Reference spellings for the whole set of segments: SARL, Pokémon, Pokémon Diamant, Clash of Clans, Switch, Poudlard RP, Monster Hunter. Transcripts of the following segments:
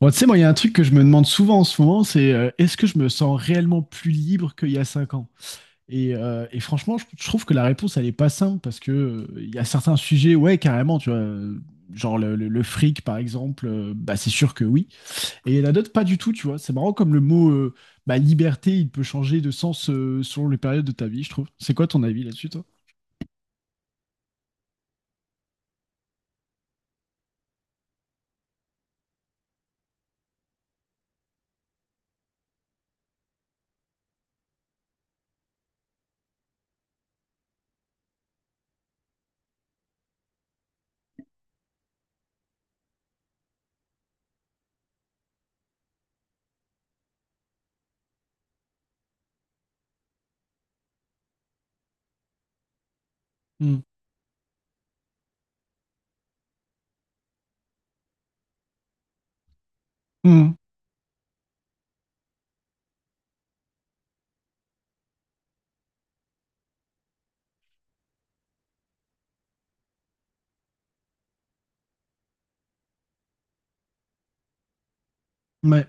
Bon, tu sais, moi, il y a un truc que je me demande souvent en ce moment, c'est est-ce que je me sens réellement plus libre qu'il y a cinq ans? Et franchement, je trouve que la réponse, elle est pas simple parce que il y a certains sujets, ouais, carrément, tu vois, genre le fric, par exemple, bah, c'est sûr que oui. Et il y en a d'autres, pas du tout, tu vois. C'est marrant comme le mot bah, liberté, il peut changer de sens selon les périodes de ta vie, je trouve. C'est quoi ton avis là-dessus, toi? Hmm. Hmm. Ouais.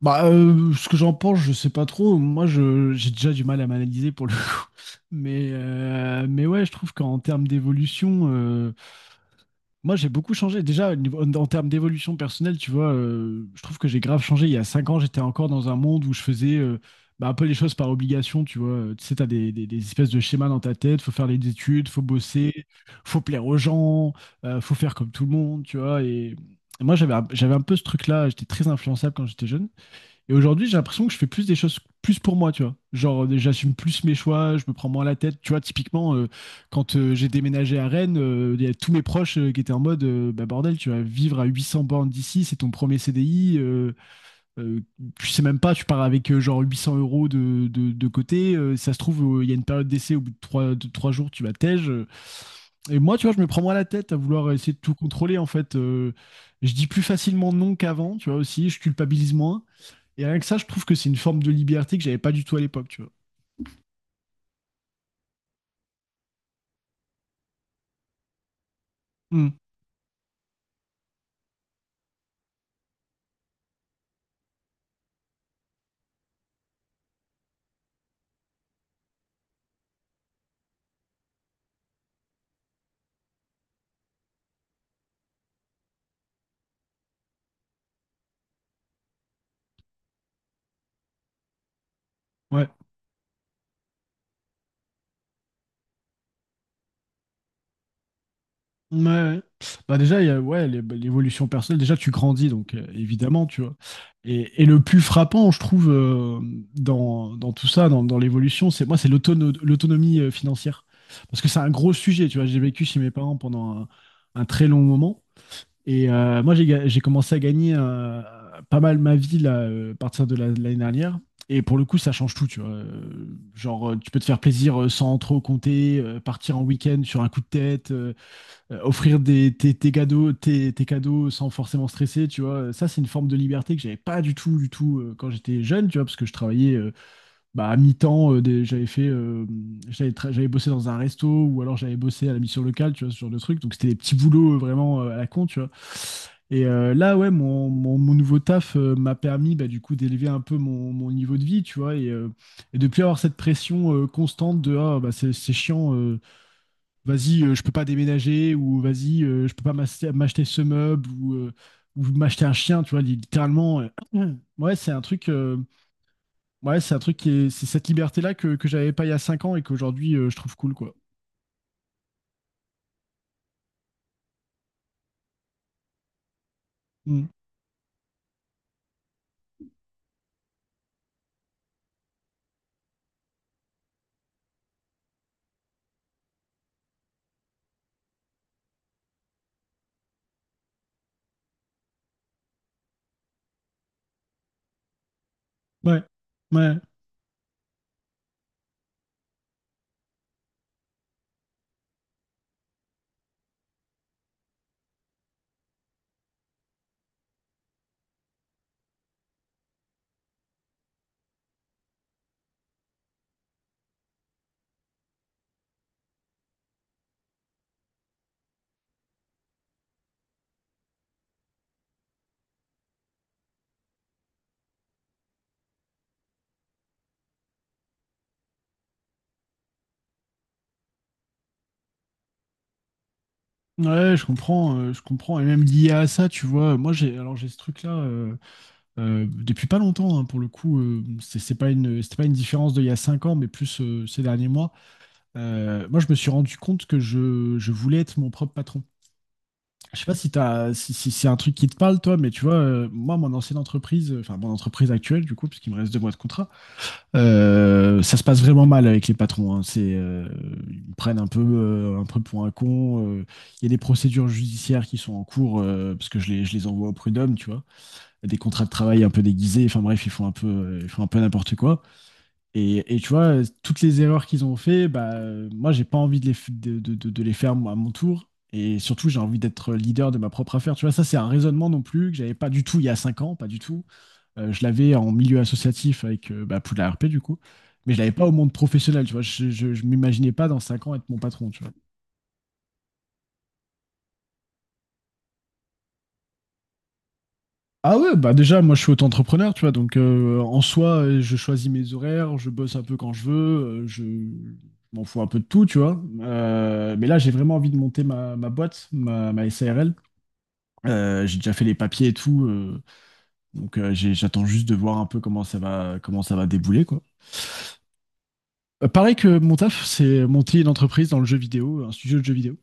Bah, ce que j'en pense, je sais pas trop. Moi, j'ai déjà du mal à m'analyser pour le coup. Mais ouais, je trouve qu'en termes d'évolution, moi, j'ai beaucoup changé. Déjà, en termes d'évolution personnelle, tu vois, je trouve que j'ai grave changé. Il y a cinq ans, j'étais encore dans un monde où je faisais bah, un peu les choses par obligation, tu vois. Tu sais, t'as des espèces de schémas dans ta tête. Faut faire les études, faut bosser, faut plaire aux gens, faut faire comme tout le monde, tu vois. Et moi, j'avais un peu ce truc-là. J'étais très influençable quand j'étais jeune. Et aujourd'hui, j'ai l'impression que je fais plus des choses plus pour moi, tu vois. Genre, j'assume plus mes choix, je me prends moins la tête. Tu vois, typiquement, quand j'ai déménagé à Rennes, il y a tous mes proches qui étaient en mode, bah bordel, tu vas vivre à 800 bornes d'ici, c'est ton premier CDI. Euh, Tu sais même pas, tu pars avec genre 800 euros de côté. Euh, si ça se trouve, il y a une période d'essai, au bout de trois jours, tu vas tège. Euh. Et moi, tu vois, je me prends moins la tête à vouloir essayer de tout contrôler, en fait. Je dis plus facilement non qu'avant, tu vois, aussi, je culpabilise moins. Et rien que ça, je trouve que c'est une forme de liberté que j'avais pas du tout à l'époque, tu vois. Mm. Ouais. Ouais, ouais. Bah déjà, il y a, ouais, l'évolution personnelle, déjà tu grandis, donc évidemment, tu vois. Et le plus frappant, je trouve, dans, dans tout ça, dans l'évolution, c'est moi, c'est l'autonomie financière. Parce que c'est un gros sujet, tu vois. J'ai vécu chez mes parents pendant un très long moment. Et moi, j'ai commencé à gagner pas mal ma vie là, à partir de de l'année dernière. Et pour le coup, ça change tout, tu vois. Genre, tu peux te faire plaisir sans trop compter, partir en week-end sur un coup de tête, offrir tes cadeaux, tes cadeaux sans forcément stresser, tu vois. Ça, c'est une forme de liberté que j'avais pas du tout, du tout quand j'étais jeune, tu vois, parce que je travaillais bah, à mi-temps, j'avais fait, j'avais bossé dans un resto ou alors j'avais bossé à la mission locale, tu vois, ce genre de truc. Donc c'était des petits boulots vraiment à la con, tu vois. Et là, ouais, mon nouveau taf m'a permis bah, du coup d'élever un peu mon niveau de vie, tu vois, et de plus avoir cette pression constante de ah, bah, c'est chiant, vas-y, je peux pas déménager ou vas-y, je peux pas m'acheter ce meuble ou m'acheter un chien, tu vois, littéralement. Euh, ouais, c'est un truc. Ouais, c'est un truc qui est, c'est cette liberté-là que j'avais pas il y a 5 ans et qu'aujourd'hui je trouve cool, quoi. Mm. Ouais, ouais, ouais, je comprends, je comprends. Et même lié à ça, tu vois, alors j'ai ce truc-là depuis pas longtemps, hein, pour le coup, c'était pas une différence de il y a 5 ans, mais plus ces derniers mois. Moi, je me suis rendu compte que je voulais être mon propre patron. Je sais pas si t'as, si c'est un truc qui te parle, toi, mais tu vois, moi, mon ancienne entreprise, enfin mon entreprise actuelle, du coup, puisqu'il me reste deux mois de contrat. Ça se passe vraiment mal avec les patrons, hein. C'est, ils prennent un peu pour un con. Euh. Il y a des procédures judiciaires qui sont en cours parce que je les envoie au prud'homme, tu vois. Des contrats de travail un peu déguisés. Enfin bref, ils font un peu, ils font un peu n'importe quoi. Et tu vois, toutes les erreurs qu'ils ont fait, bah, moi, j'ai pas envie de les, f- de les faire moi, à mon tour. Et surtout, j'ai envie d'être leader de ma propre affaire. Tu vois, ça, c'est un raisonnement non plus que j'avais pas du tout il y a cinq ans, pas du tout. Je l'avais en milieu associatif avec bah, Poudlard RP du coup, mais je l'avais pas au monde professionnel, tu vois. Je m'imaginais pas dans 5 ans être mon patron, tu vois. Ah ouais, bah déjà, moi je suis auto-entrepreneur, tu vois, donc en soi, je choisis mes horaires, je bosse un peu quand je veux, euh, je je m'en fous un peu de tout, tu vois. Mais là, j'ai vraiment envie de monter ma boîte, ma SARL. J'ai déjà fait les papiers et tout, donc j'attends juste de voir un peu comment ça va débouler, quoi. Pareil que mon taf, c'est monter une entreprise dans le jeu vidéo, un studio de jeux vidéo.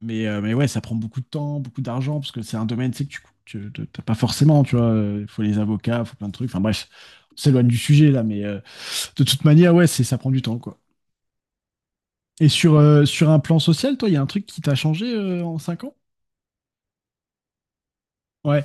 Mais ouais, ça prend beaucoup de temps, beaucoup d'argent, parce que c'est un domaine, tu sais, que tu t'as pas forcément, tu vois. Il faut les avocats, il faut plein de trucs. Enfin bref, on s'éloigne du sujet là, mais de toute manière, ouais, c'est, ça prend du temps, quoi. Et sur, sur un plan social, toi, il y a un truc qui t'a changé en 5 ans? Ouais.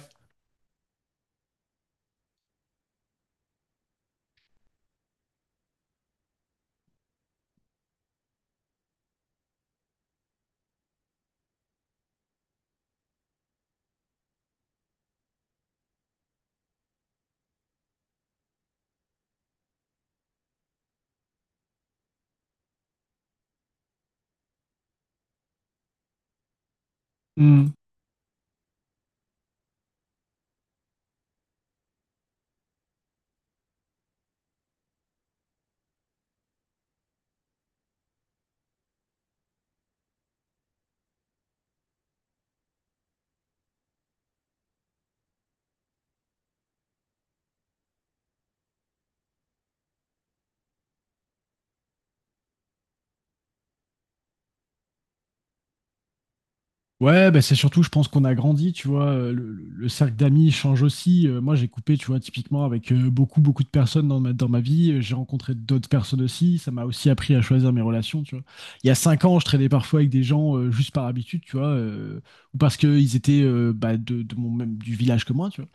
Ouais, bah c'est surtout, je pense qu'on a grandi, tu vois. Euh, le cercle d'amis change aussi. Moi, j'ai coupé, tu vois, typiquement avec beaucoup, beaucoup de personnes dans ma vie. J'ai rencontré d'autres personnes aussi. Ça m'a aussi appris à choisir mes relations, tu vois. Il y a cinq ans, je traînais parfois avec des gens juste par habitude, tu vois, ou parce qu'ils étaient bah, de mon même du village que moi, tu vois.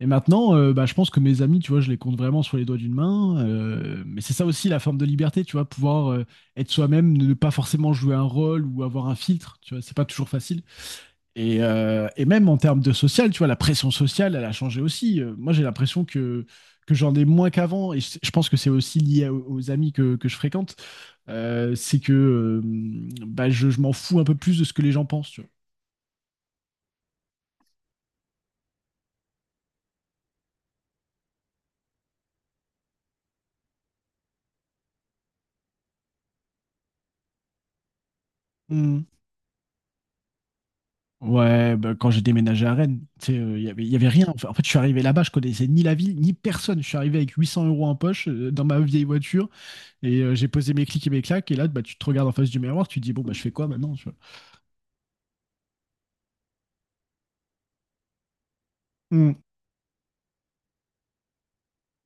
Et maintenant, bah, je pense que mes amis, tu vois, je les compte vraiment sur les doigts d'une main. Euh, mais c'est ça aussi la forme de liberté, tu vois, pouvoir être soi-même, ne pas forcément jouer un rôle ou avoir un filtre, tu vois. C'est pas toujours facile. Et même en termes de social, tu vois, la pression sociale, elle a changé aussi. Moi, j'ai l'impression que j'en ai moins qu'avant, et je pense que c'est aussi lié à- aux amis que je fréquente. C'est que bah, je m'en fous un peu plus de ce que les gens pensent, tu vois. Hmm. Ouais, bah, quand j'ai déménagé à Rennes, tu sais, il y avait rien. En fait, je suis arrivé là-bas, je connaissais ni la ville, ni personne. Je suis arrivé avec 800 euros en poche dans ma vieille voiture et j'ai posé mes clics et mes claques. Et là, bah, tu te regardes en face du miroir, tu te dis, bon, bah, je fais quoi maintenant, tu vois? Mm.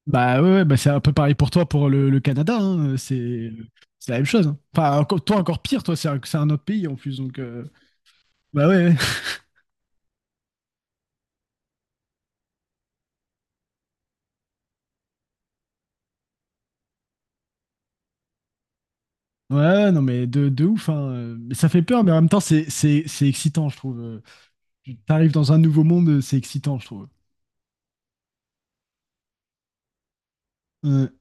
Bah ouais, ouais, bah, c'est un peu pareil pour toi, pour le Canada, hein. C'est la même chose, hein. Enfin, toi, encore pire, toi, c'est c'est un autre pays en plus. Donc, bah ouais, ouais, ouais, non, mais de ouf, hein. Mais ça fait peur, mais en même temps, c'est excitant, je trouve. Euh. Tu t'arrives dans un nouveau monde, c'est excitant, je trouve. Ouais.